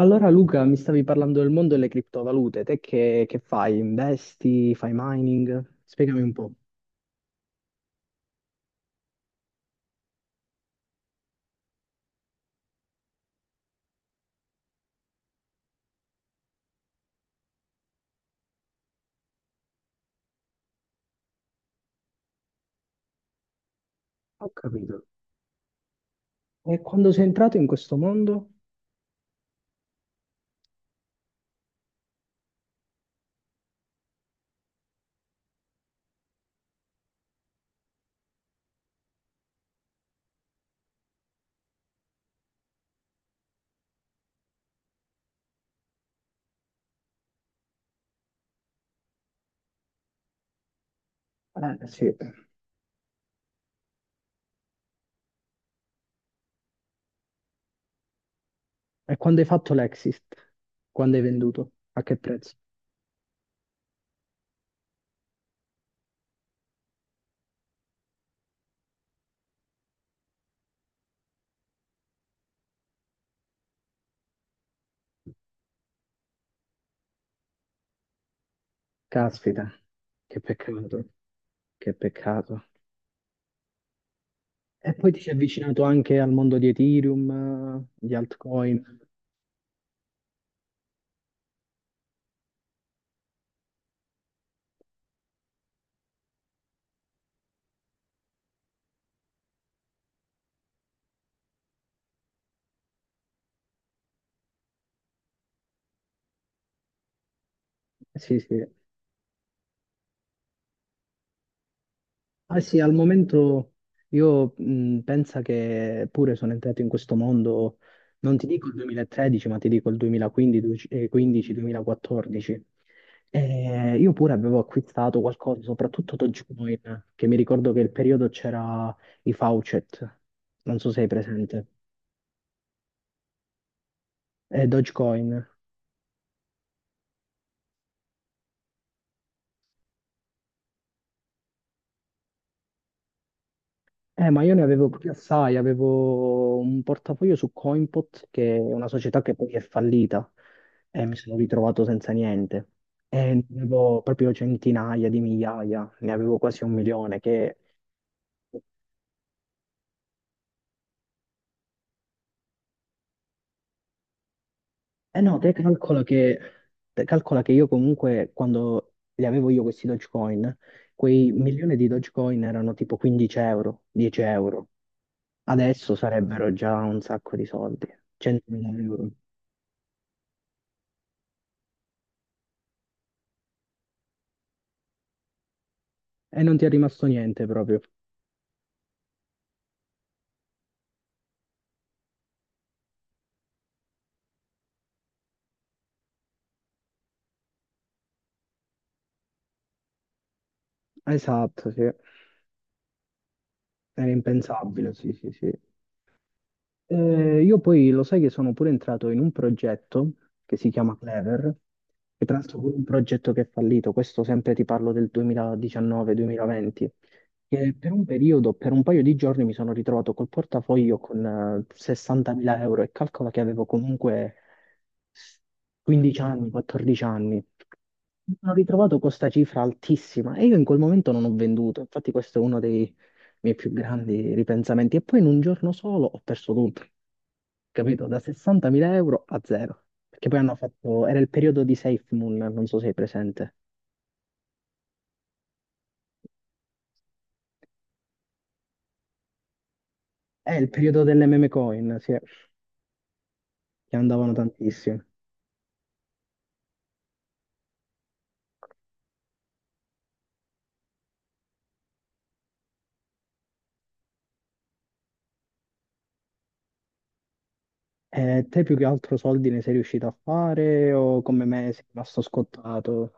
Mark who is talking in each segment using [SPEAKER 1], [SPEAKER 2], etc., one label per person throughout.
[SPEAKER 1] Allora Luca, mi stavi parlando del mondo delle criptovalute, te che fai? Investi? Fai mining? Spiegami un po'. Ho capito. E quando sei entrato in questo mondo? Sì. E quando hai fatto l'exit? Quando hai venduto? A che prezzo? Caspita, che peccato, che peccato. E poi ti sei avvicinato anche al mondo di Ethereum, di altcoin. Sì, sì. Ah sì, al momento io pensa che pure sono entrato in questo mondo, non ti dico il 2013, ma ti dico il 2015-2014. E io pure avevo acquistato qualcosa, soprattutto Dogecoin, che mi ricordo che il periodo c'era i Faucet, non so se hai presente, e Dogecoin. Ma io ne avevo proprio assai, avevo un portafoglio su Coinpot, che è una società che poi è fallita, e mi sono ritrovato senza niente. E ne avevo proprio centinaia di migliaia, ne avevo quasi un milione, che... Eh no, te calcola che io comunque, quando li avevo io questi Dogecoin, quei milioni di Dogecoin erano tipo 15 euro, 10 euro. Adesso sarebbero già un sacco di soldi, 100.000 euro. E non ti è rimasto niente proprio. Esatto, sì. Era impensabile, sì, sì, sì. Io poi lo sai che sono pure entrato in un progetto che si chiama Clever, che tra l'altro pure un progetto che è fallito, questo sempre ti parlo del 2019-2020, che per un periodo, per un paio di giorni mi sono ritrovato col portafoglio con 60.000 euro e calcola che avevo comunque 15 anni, 14 anni. Mi sono ritrovato con questa cifra altissima e io in quel momento non ho venduto, infatti questo è uno dei miei più grandi ripensamenti. E poi in un giorno solo ho perso tutto, capito? Da 60.000 euro a zero. Perché poi hanno fatto, era il periodo di SafeMoon, non so se sei presente. È il periodo delle meme coin, sì, che andavano tantissime. E te più che altro soldi ne sei riuscito a fare o come me sei rimasto scottato?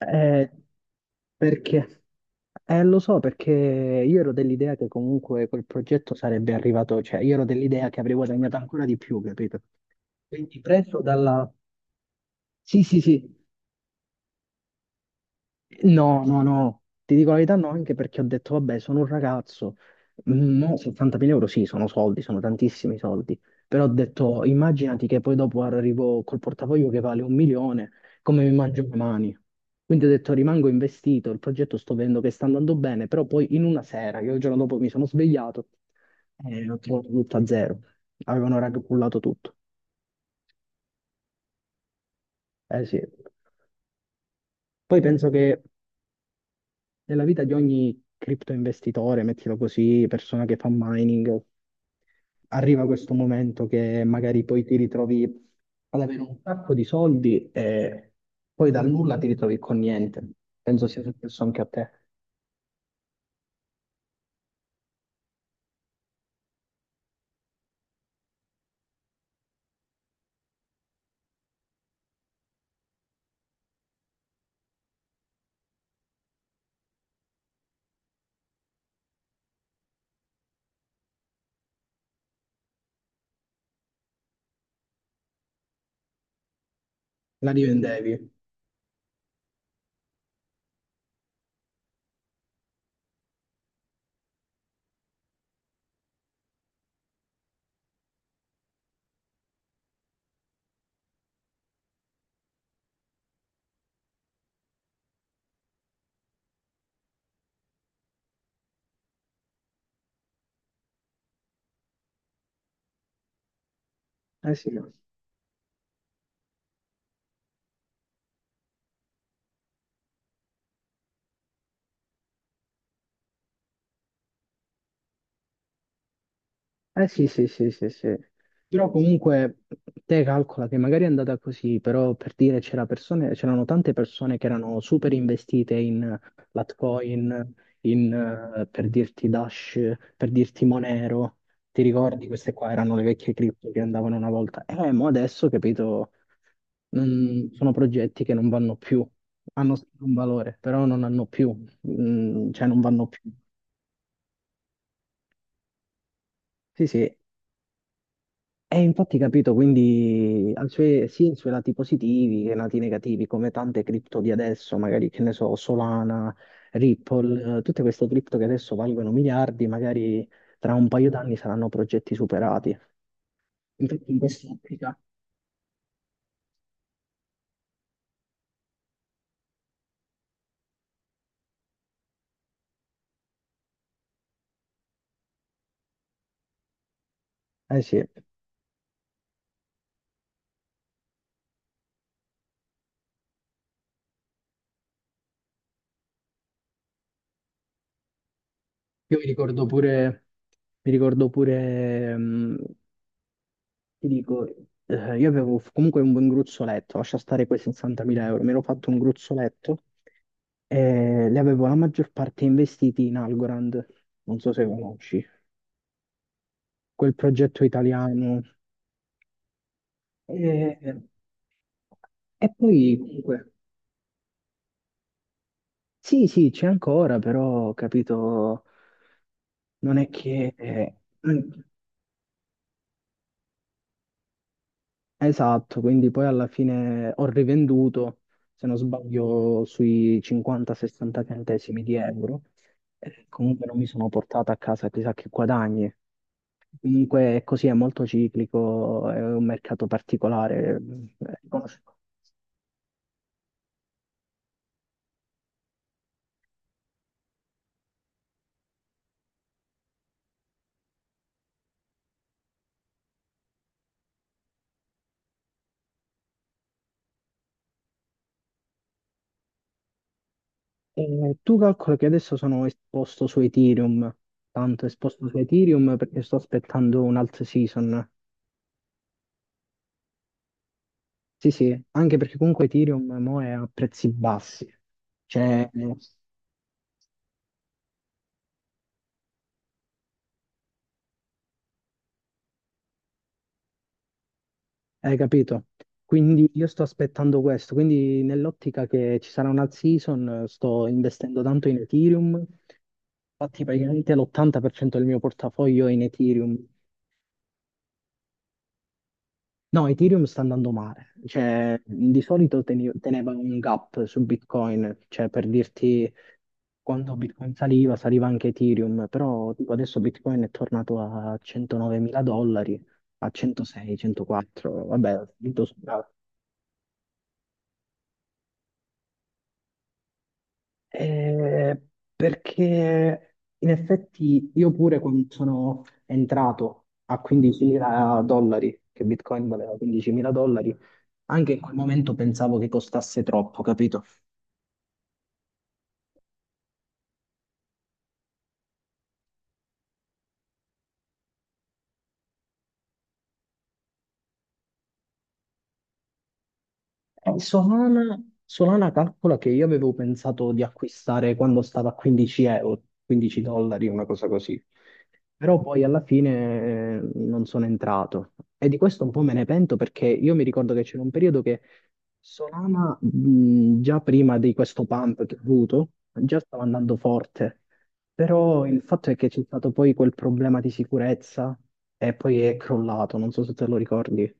[SPEAKER 1] Eh, perché? Lo so perché io ero dell'idea che comunque quel progetto sarebbe arrivato, cioè io ero dell'idea che avrei guadagnato ancora di più, capito? Quindi preso dalla... Sì, sì, sì, no, no, no, ti dico la verità, no, anche perché ho detto, vabbè, sono un ragazzo, Mm, no, 70.000 euro sì, sono soldi, sono tantissimi soldi, però ho detto, immaginati che poi dopo arrivo col portafoglio che vale un milione, come mi mangio le mani? Quindi ho detto, rimango investito, il progetto sto vedendo che sta andando bene, però poi in una sera, io il giorno dopo mi sono svegliato e ho trovato tutto a zero, avevano raggruppato tutto, eh sì. Poi penso che nella vita di ogni cripto investitore, mettilo così, persona che fa mining, arriva questo momento che magari poi ti ritrovi ad avere un sacco di soldi e poi dal nulla ti ritrovi con niente. Penso sia successo anche a te. La rivendevi. Eh sì. Eh sì, sì, sì, sì, sì. Però comunque te calcola che magari è andata così, però per dire c'era persone, c'erano tante persone che erano super investite in Litecoin, in, per dirti Dash, per dirti Monero. Ti ricordi? Queste qua erano le vecchie cripto che andavano una volta. Mo adesso, capito, non- sono progetti che non vanno più. Hanno sempre un valore, però non hanno più, cioè non vanno più. Sì, sì, e infatti capito, quindi ha i suoi- sia i suoi lati positivi che i lati negativi, come tante cripto di adesso, magari che ne so, Solana, Ripple, tutte queste cripto che adesso valgono miliardi, magari tra un paio d'anni saranno progetti superati. Infatti in quest'ottica eh sì, io mi ricordo pure, mi ricordo pure, ti dico, io avevo f- comunque un buon gruzzoletto, lascia stare quei 60.000 euro, mi ero fatto un gruzzoletto e li avevo la maggior parte investiti in Algorand, non so se conosci, quel progetto italiano. E, e poi comunque, sì, sì, c'è ancora, però capito, non è che esatto, quindi poi alla fine ho rivenduto, se non sbaglio, sui 50-60 centesimi di euro. E comunque non mi sono portato a casa chissà che guadagni. Comunque è così, è molto ciclico, è un mercato particolare. Riconosciuto. E tu calcoli che adesso sono esposto su Ethereum, tanto esposto su Ethereum perché sto aspettando un alt season. Sì, sì, anche perché comunque Ethereum mo è a prezzi bassi. Cioè, hai capito? Quindi io sto aspettando questo, quindi nell'ottica che ci sarà una season sto investendo tanto in Ethereum, infatti praticamente l'80% del mio portafoglio è in Ethereum. No, Ethereum sta andando male, cioè di solito teni- teneva un gap su Bitcoin, cioè per dirti quando Bitcoin saliva, saliva anche Ethereum, però tipo, adesso Bitcoin è tornato a 109 mila dollari, a 106, 104, vabbè, Eh, perché in effetti io pure quando sono entrato a 15.000 dollari, che Bitcoin valeva 15.000 dollari, anche in quel momento pensavo che costasse troppo, capito? Solana, Solana calcola che io avevo pensato di acquistare quando stava a 15 euro, 15 dollari, una cosa così. Però poi alla fine non sono entrato. E di questo un po' me ne pento perché io mi ricordo che c'era un periodo che Solana, già prima di questo pump che ho avuto, già stava andando forte. Però il fatto è che c'è stato poi quel problema di sicurezza e poi è crollato, non so se te lo ricordi.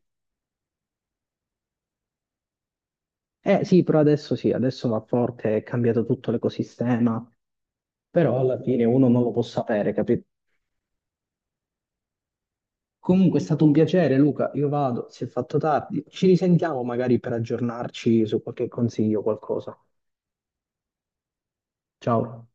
[SPEAKER 1] Eh sì, però adesso sì, adesso va forte, è cambiato tutto l'ecosistema, però alla fine uno non lo può sapere, capito? Comunque è stato un piacere, Luca, io vado, si è fatto tardi, ci risentiamo magari per aggiornarci su qualche consiglio o qualcosa. Ciao.